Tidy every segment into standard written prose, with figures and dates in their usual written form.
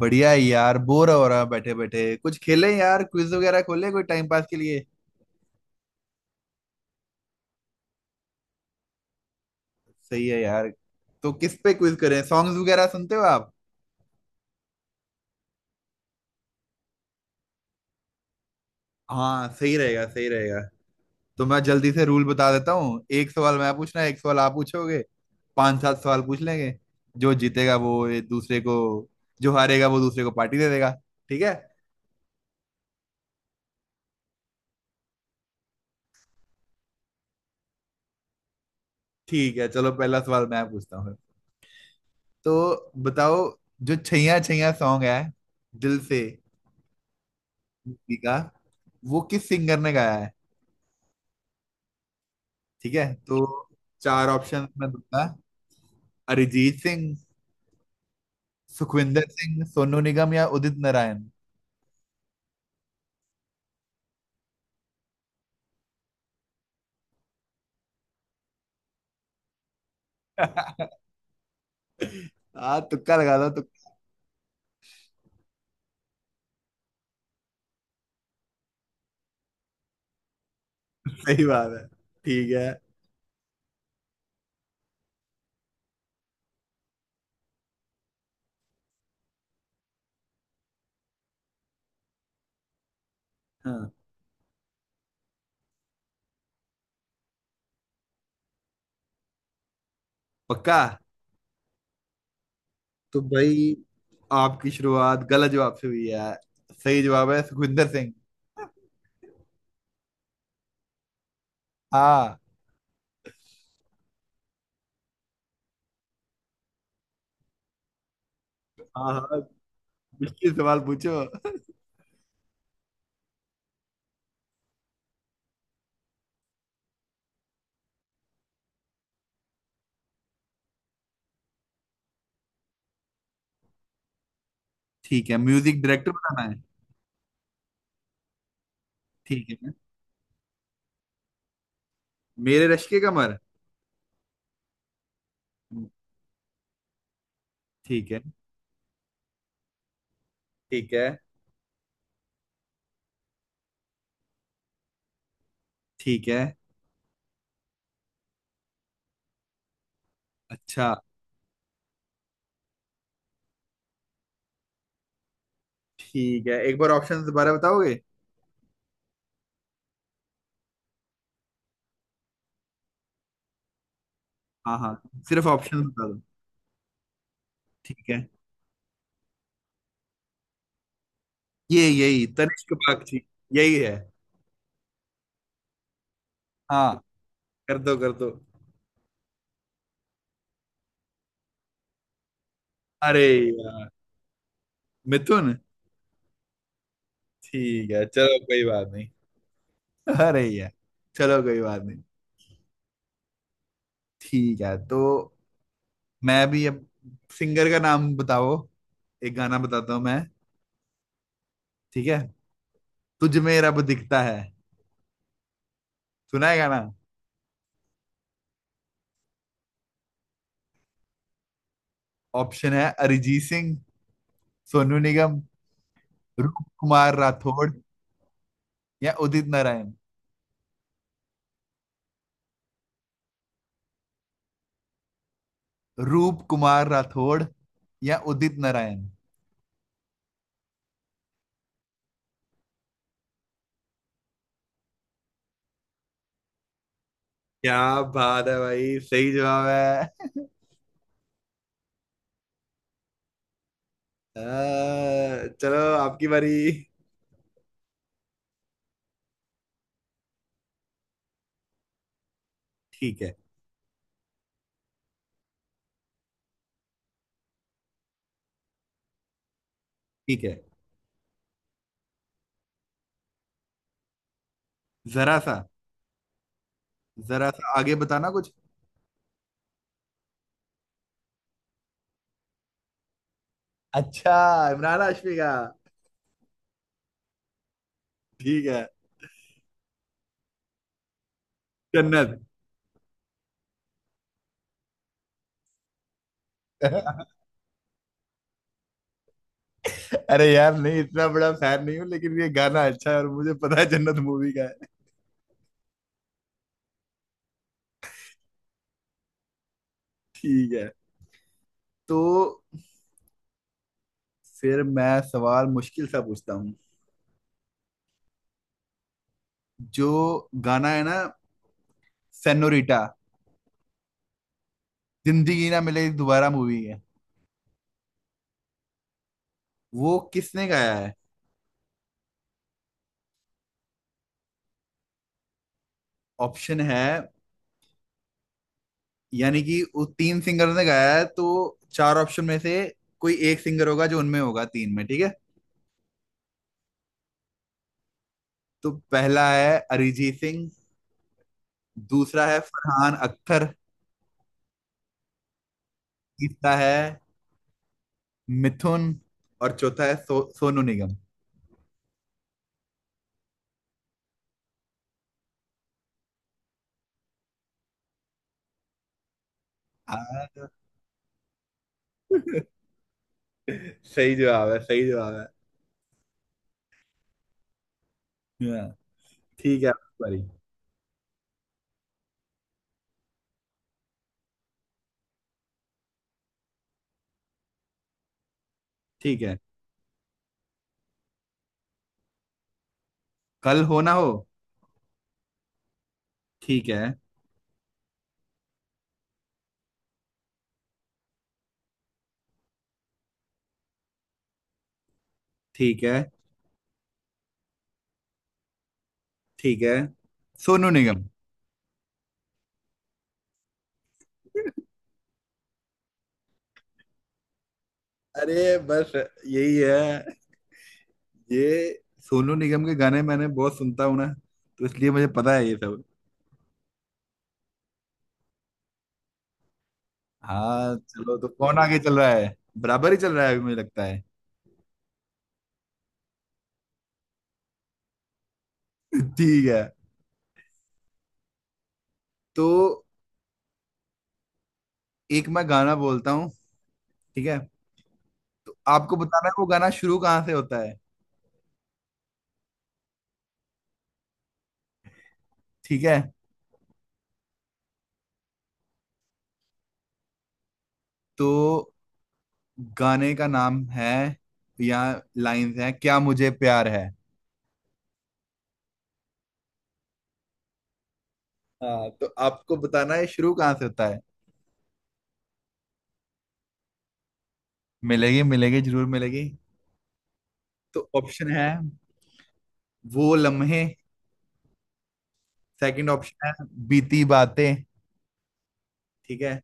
बढ़िया है यार। बोर हो रहा बैठे बैठे। कुछ खेलें यार, क्विज वगैरह खोले कोई, टाइम पास के लिए। सही है यार। तो किस पे क्विज करें? सॉन्ग्स वगैरह सुनते हो आप? हाँ, सही रहेगा सही रहेगा। तो मैं जल्दी से रूल बता देता हूँ। एक सवाल मैं पूछना, एक सवाल आप पूछोगे। पांच सात सवाल पूछ लेंगे। जो जीतेगा वो एक दूसरे को, जो हारेगा वो दूसरे को पार्टी दे देगा। ठीक है? ठीक है, चलो पहला सवाल मैं पूछता हूँ। तो बताओ, जो छैया छैया सॉन्ग है दिल से मूवी का, वो किस सिंगर ने गाया है? ठीक है तो चार ऑप्शन मैं दूंगा। अरिजीत सिंह, सुखविंदर सिंह, सोनू निगम या उदित नारायण। हाँ, तुक्का लगा दो तुक्का। सही बात है। ठीक है। हाँ, पक्का? तो भाई, आपकी शुरुआत गलत जवाब से हुई है। सही जवाब है सुखविंदर सिंह। हाँ हाँ, हाँ, मुश्किल सवाल पूछो। ठीक है, म्यूजिक डायरेक्टर बनाना है। ठीक है। मेरे रश्के कमर। ठीक है। ठीक है। ठीक है। अच्छा। ठीक है, एक बार ऑप्शन दोबारा बताओगे? हाँ हाँ, सिर्फ ऑप्शन बता दो। ठीक है। ये यही, तनिष्क बागची। यही है। हाँ, कर दो कर दो। अरे यार, मिथुन। ठीक है चलो कोई बात नहीं। अरे यार, चलो कोई बात नहीं। ठीक है तो मैं भी अब सिंगर का नाम बताओ। एक गाना बताता हूँ मैं। ठीक है। तुझ में रब दिखता है, सुना है गाना? ऑप्शन है अरिजीत सिंह, सोनू निगम, रूप कुमार राठौड़ या उदित नारायण। रूप कुमार राठौड़ या उदित नारायण। क्या बात है भाई, सही जवाब है। चलो आपकी बारी। ठीक है। ठीक है। जरा सा। जरा सा आगे बताना कुछ। अच्छा, इमरान हाशमी का। ठीक है। जन्नत। अरे यार नहीं, इतना बड़ा फैन नहीं हूँ, लेकिन ये गाना अच्छा है और मुझे पता है जन्नत मूवी का है। ठीक है तो फिर मैं सवाल मुश्किल सा पूछता हूँ। जो गाना है ना, सेनोरिटा, जिंदगी ना मिले दोबारा मूवी है, वो किसने गाया है? ऑप्शन है, यानी कि वो तीन सिंगर ने गाया है तो चार ऑप्शन में से कोई एक सिंगर होगा जो उनमें होगा तीन में, ठीक है? तो पहला है अरिजीत सिंह, दूसरा है फरहान अख्तर, तीसरा है मिथुन, और चौथा है सोनू निगम। हाँ, सही जवाब है सही जवाब है। हाँ, ठीक है सॉरी। ठीक है। कल हो ना हो। ठीक है। ठीक है। ठीक है, सोनू निगम। अरे बस यही है, ये सोनू निगम के गाने मैंने बहुत सुनता हूँ ना, तो इसलिए मुझे पता है ये सब। हाँ चलो, तो कौन आगे चल रहा है? बराबर ही चल रहा है अभी मुझे लगता है। ठीक है तो एक मैं गाना बोलता हूँ, ठीक है? तो आपको बताना है वो गाना शुरू कहाँ से होता है। ठीक है। तो गाने का नाम है, या लाइंस है, क्या मुझे प्यार है। हाँ तो आपको बताना है शुरू कहाँ से होता है। मिलेगी मिलेगी जरूर मिलेगी। तो ऑप्शन है वो लम्हे। सेकंड ऑप्शन है बीती बातें। ठीक है।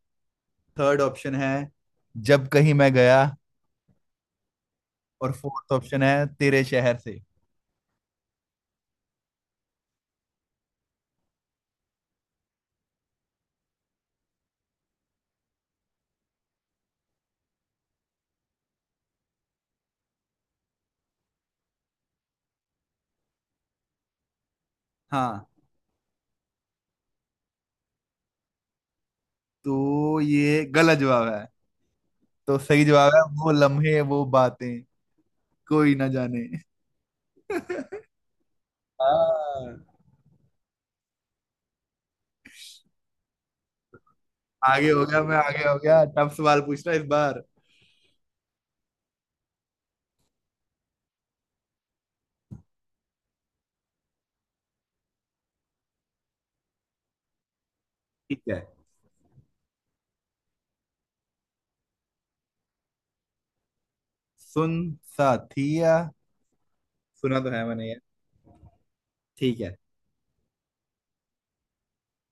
थर्ड ऑप्शन है जब कहीं मैं गया, और फोर्थ ऑप्शन है तेरे शहर से। हाँ, तो ये गलत जवाब है। तो सही जवाब है वो लम्हे वो बातें कोई ना जाने। हाँ, आगे हो गया मैं, आगे हो गया। टफ सवाल पूछना इस बार। ठीक है। सुन साथिया। सुना तो है मैंने यार। ठीक है।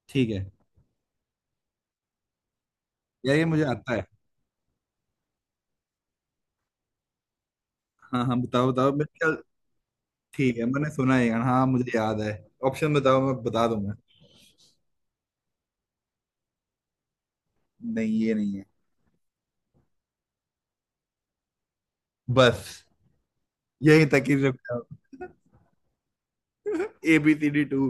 ठीक है यार, ये मुझे आता है। हाँ हाँ बताओ बताओ, मेरे ख्याल। ठीक है मैंने सुना है यार, हाँ मुझे याद है। ऑप्शन बताओ, मैं बता दूंगा। नहीं, ये नहीं है। बस, यही तक ही रुक जाओ। ABCD 2।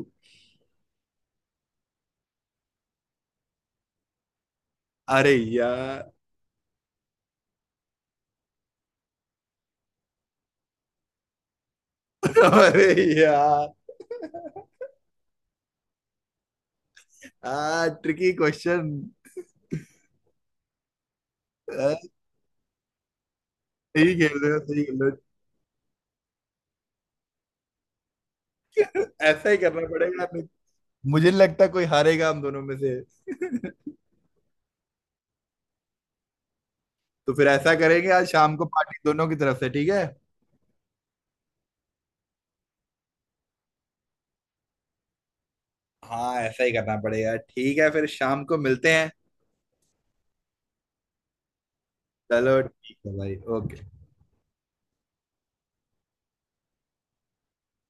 अरे यार। अरे यार। आ ट्रिकी क्वेश्चन। सही खेल रहे हो सही खेल रहे हो। ऐसा ही करना पड़ेगा हमें। मुझे नहीं लगता कोई हारेगा हम दोनों में से। तो फिर ऐसा करेंगे, आज शाम को पार्टी दोनों की तरफ से, ठीक है? हाँ ऐसा ही करना पड़ेगा। ठीक है, फिर शाम को मिलते हैं। चलो ठीक है भाई, ओके।